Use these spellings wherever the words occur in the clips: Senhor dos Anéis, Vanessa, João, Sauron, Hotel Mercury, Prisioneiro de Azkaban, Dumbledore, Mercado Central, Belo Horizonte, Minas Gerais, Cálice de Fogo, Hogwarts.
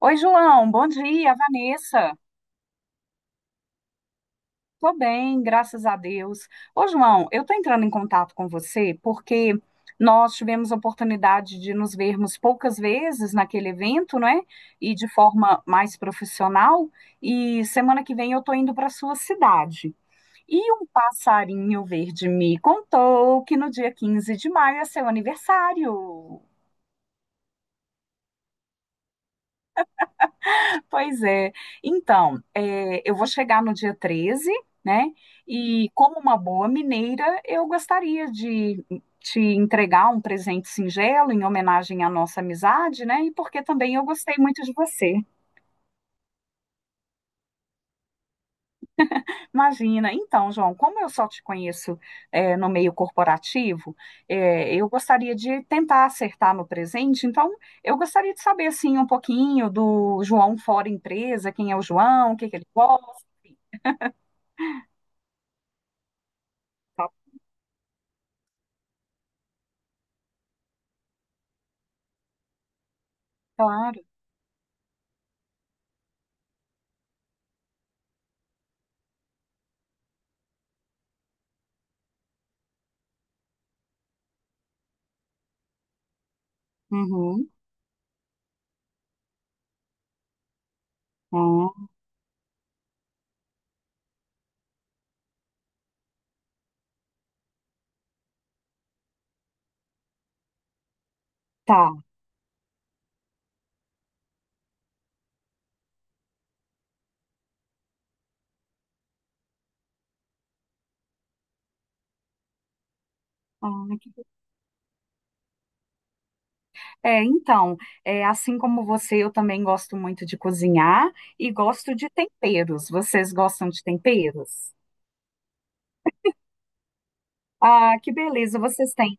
Oi, João, bom dia, Vanessa. Tô bem, graças a Deus. Ô, João, eu tô entrando em contato com você porque nós tivemos a oportunidade de nos vermos poucas vezes naquele evento, né? E de forma mais profissional. E semana que vem eu tô indo para sua cidade. E um passarinho verde me contou que no dia 15 de maio é seu aniversário. Pois é. Então, eu vou chegar no dia 13, né? E como uma boa mineira, eu gostaria de te entregar um presente singelo em homenagem à nossa amizade, né? E porque também eu gostei muito de você. Imagina. Então, João, como eu só te conheço, no meio corporativo, eu gostaria de tentar acertar no presente. Então, eu gostaria de saber, assim, um pouquinho do João fora empresa, quem é o João, o que que ele gosta. Claro. Uhum. Ah, tá. Ah, que É, então, assim como você, eu também gosto muito de cozinhar e gosto de temperos. Vocês gostam de temperos? Ah, que beleza, vocês têm.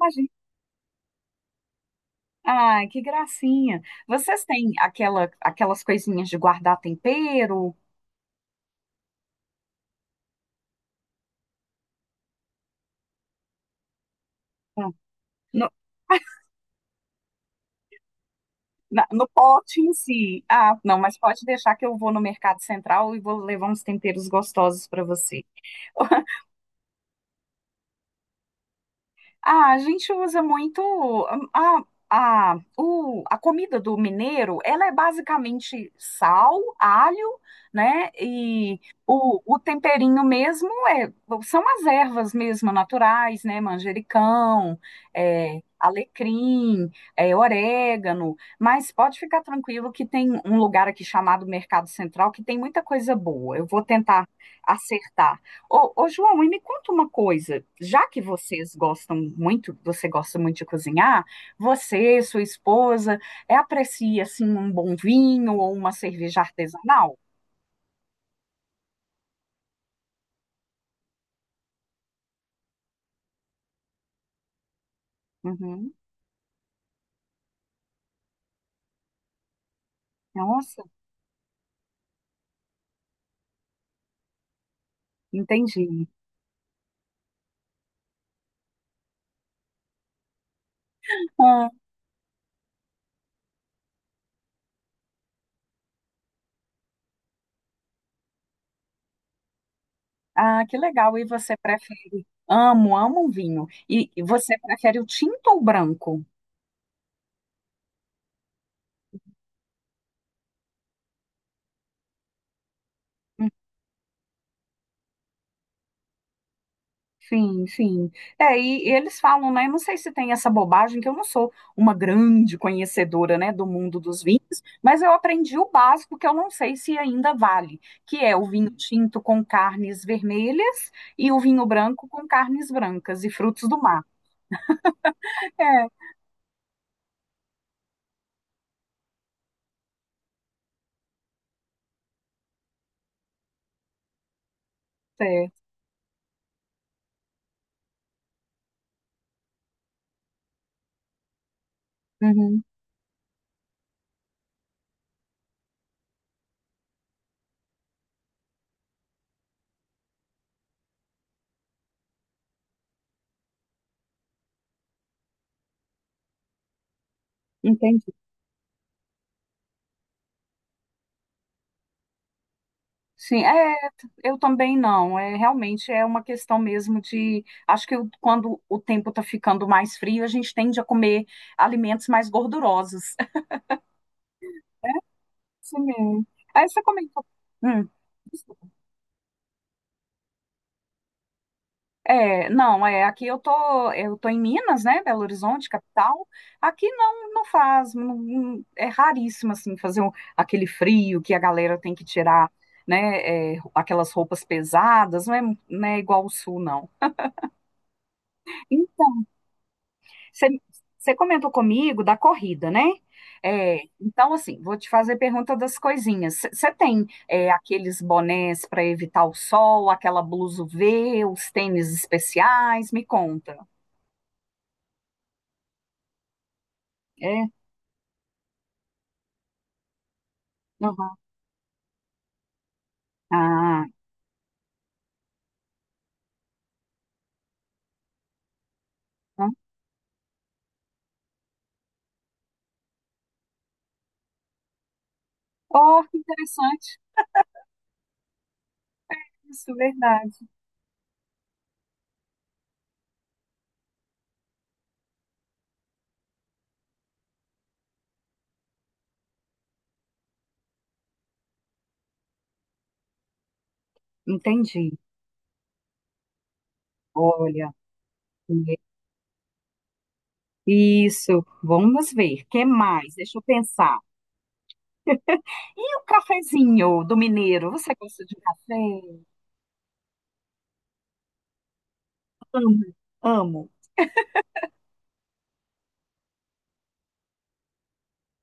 Imagina. Ai, que gracinha. Vocês têm aquelas coisinhas de guardar tempero? Hum, No, no pote em si. Ah, não, mas pode deixar que eu vou no Mercado Central e vou levar uns temperos gostosos para você. Ah, a gente usa muito a comida do mineiro, ela é basicamente sal, alho, né? E o temperinho mesmo são as ervas mesmo naturais, né? Manjericão, alecrim, orégano. Mas pode ficar tranquilo que tem um lugar aqui chamado Mercado Central que tem muita coisa boa. Eu vou tentar acertar. Ô, João, e me conta uma coisa. Já que vocês gostam muito, você gosta muito de cozinhar, você, sua esposa, aprecia assim um bom vinho ou uma cerveja artesanal? Uhum. Nossa, entendi. Ah, ah, que legal. E você prefere? Amo, amo um vinho. E você prefere o tinto ou o branco? Sim, sim. E eles falam, né? Eu não sei se tem essa bobagem, que eu não sou uma grande conhecedora, né, do mundo dos vinhos, mas eu aprendi o básico que eu não sei se ainda vale, que é o vinho tinto com carnes vermelhas e o vinho branco com carnes brancas e frutos do mar. É, certo. Uhum, entendi. Sim, eu também não. Realmente é uma questão mesmo de. Acho que quando o tempo está ficando mais frio, a gente tende a comer alimentos mais gordurosos. Sim. Aí você comentou. Hum. Não, aqui eu tô em Minas, né, Belo Horizonte, capital. Aqui não, não faz, é raríssimo assim fazer aquele frio que a galera tem que tirar, né, aquelas roupas pesadas, não é, não é igual o sul, não. Você você comentou comigo da corrida, né? Então, assim, vou te fazer pergunta das coisinhas. Você tem aqueles bonés para evitar o sol, aquela blusa UV, os tênis especiais? Me conta. É? Uhum. Ah, então- oh, que interessante. Isso, verdade. Entendi. Olha, isso. Vamos ver. O que mais? Deixa eu pensar. E o cafezinho do mineiro? Você gosta de café? Amo, amo.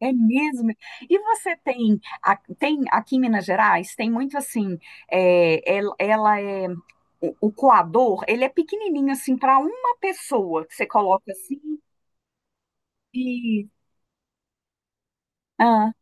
É mesmo. E você tem, tem aqui em Minas Gerais, tem muito assim, é, el- ela, é, o coador, ele é pequenininho assim para uma pessoa que você coloca assim e... Ah,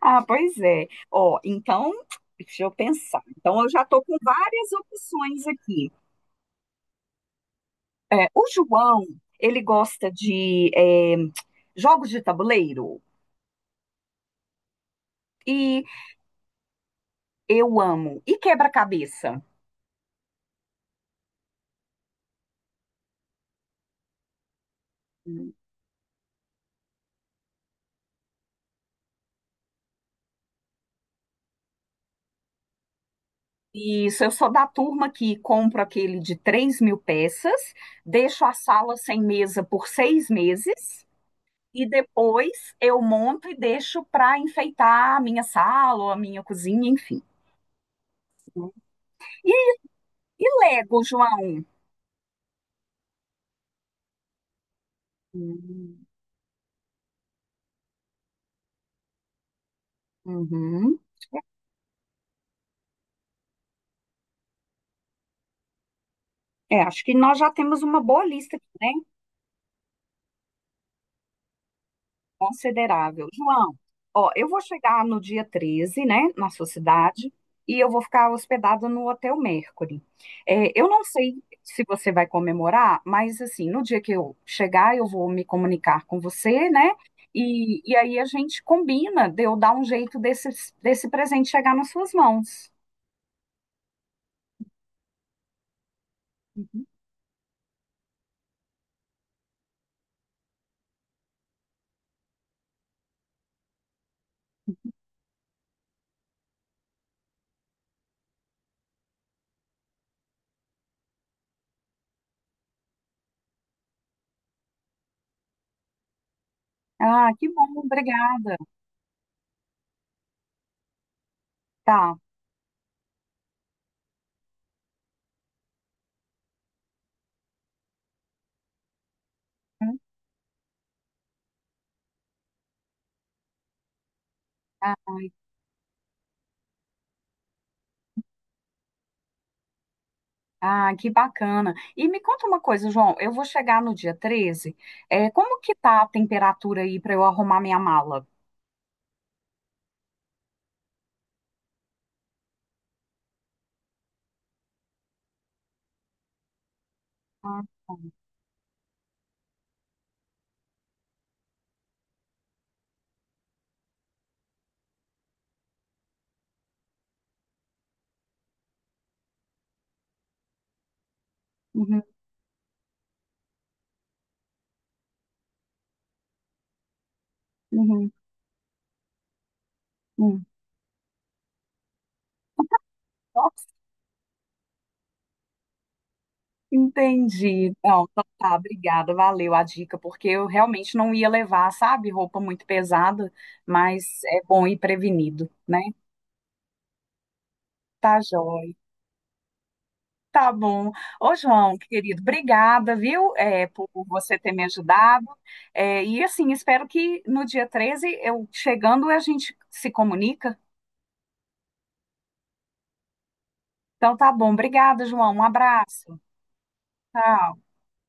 ah, pois é. Ó, então, deixa eu pensar. Então, eu já estou com várias opções aqui. O João, ele gosta de jogos de tabuleiro e eu amo. E quebra-cabeça? Isso, eu sou da turma que compro aquele de 3.000 peças, deixo a sala sem mesa por 6 meses e depois eu monto e deixo para enfeitar a minha sala ou a minha cozinha, enfim. E, e Lego, João? Hum. Uhum. Acho que nós já temos uma boa lista aqui, né? Considerável. João, ó, eu vou chegar no dia 13, né, na sua cidade, e eu vou ficar hospedada no Hotel Mercury. Eu não sei se você vai comemorar, mas assim, no dia que eu chegar, eu vou me comunicar com você, né? E aí a gente combina de eu dar um jeito desse presente chegar nas suas mãos. Ah, que bom, obrigada. Tá. Ah, Ah, que bacana. E me conta uma coisa, João, eu vou chegar no dia 13. Como que tá a temperatura aí para eu arrumar minha mala? Ah, tá. Uhum, uhum, uhum. Nossa, entendi. Não, então tá, obrigada, valeu a dica, porque eu realmente não ia levar, sabe, roupa muito pesada, mas é bom ir prevenido, né? Tá joia. Tá bom. Ô, João, querido, obrigada, viu, por você ter me ajudado. E assim, espero que no dia 13 eu chegando, a gente se comunica. Então tá bom. Obrigada, João. Um abraço. Tchau.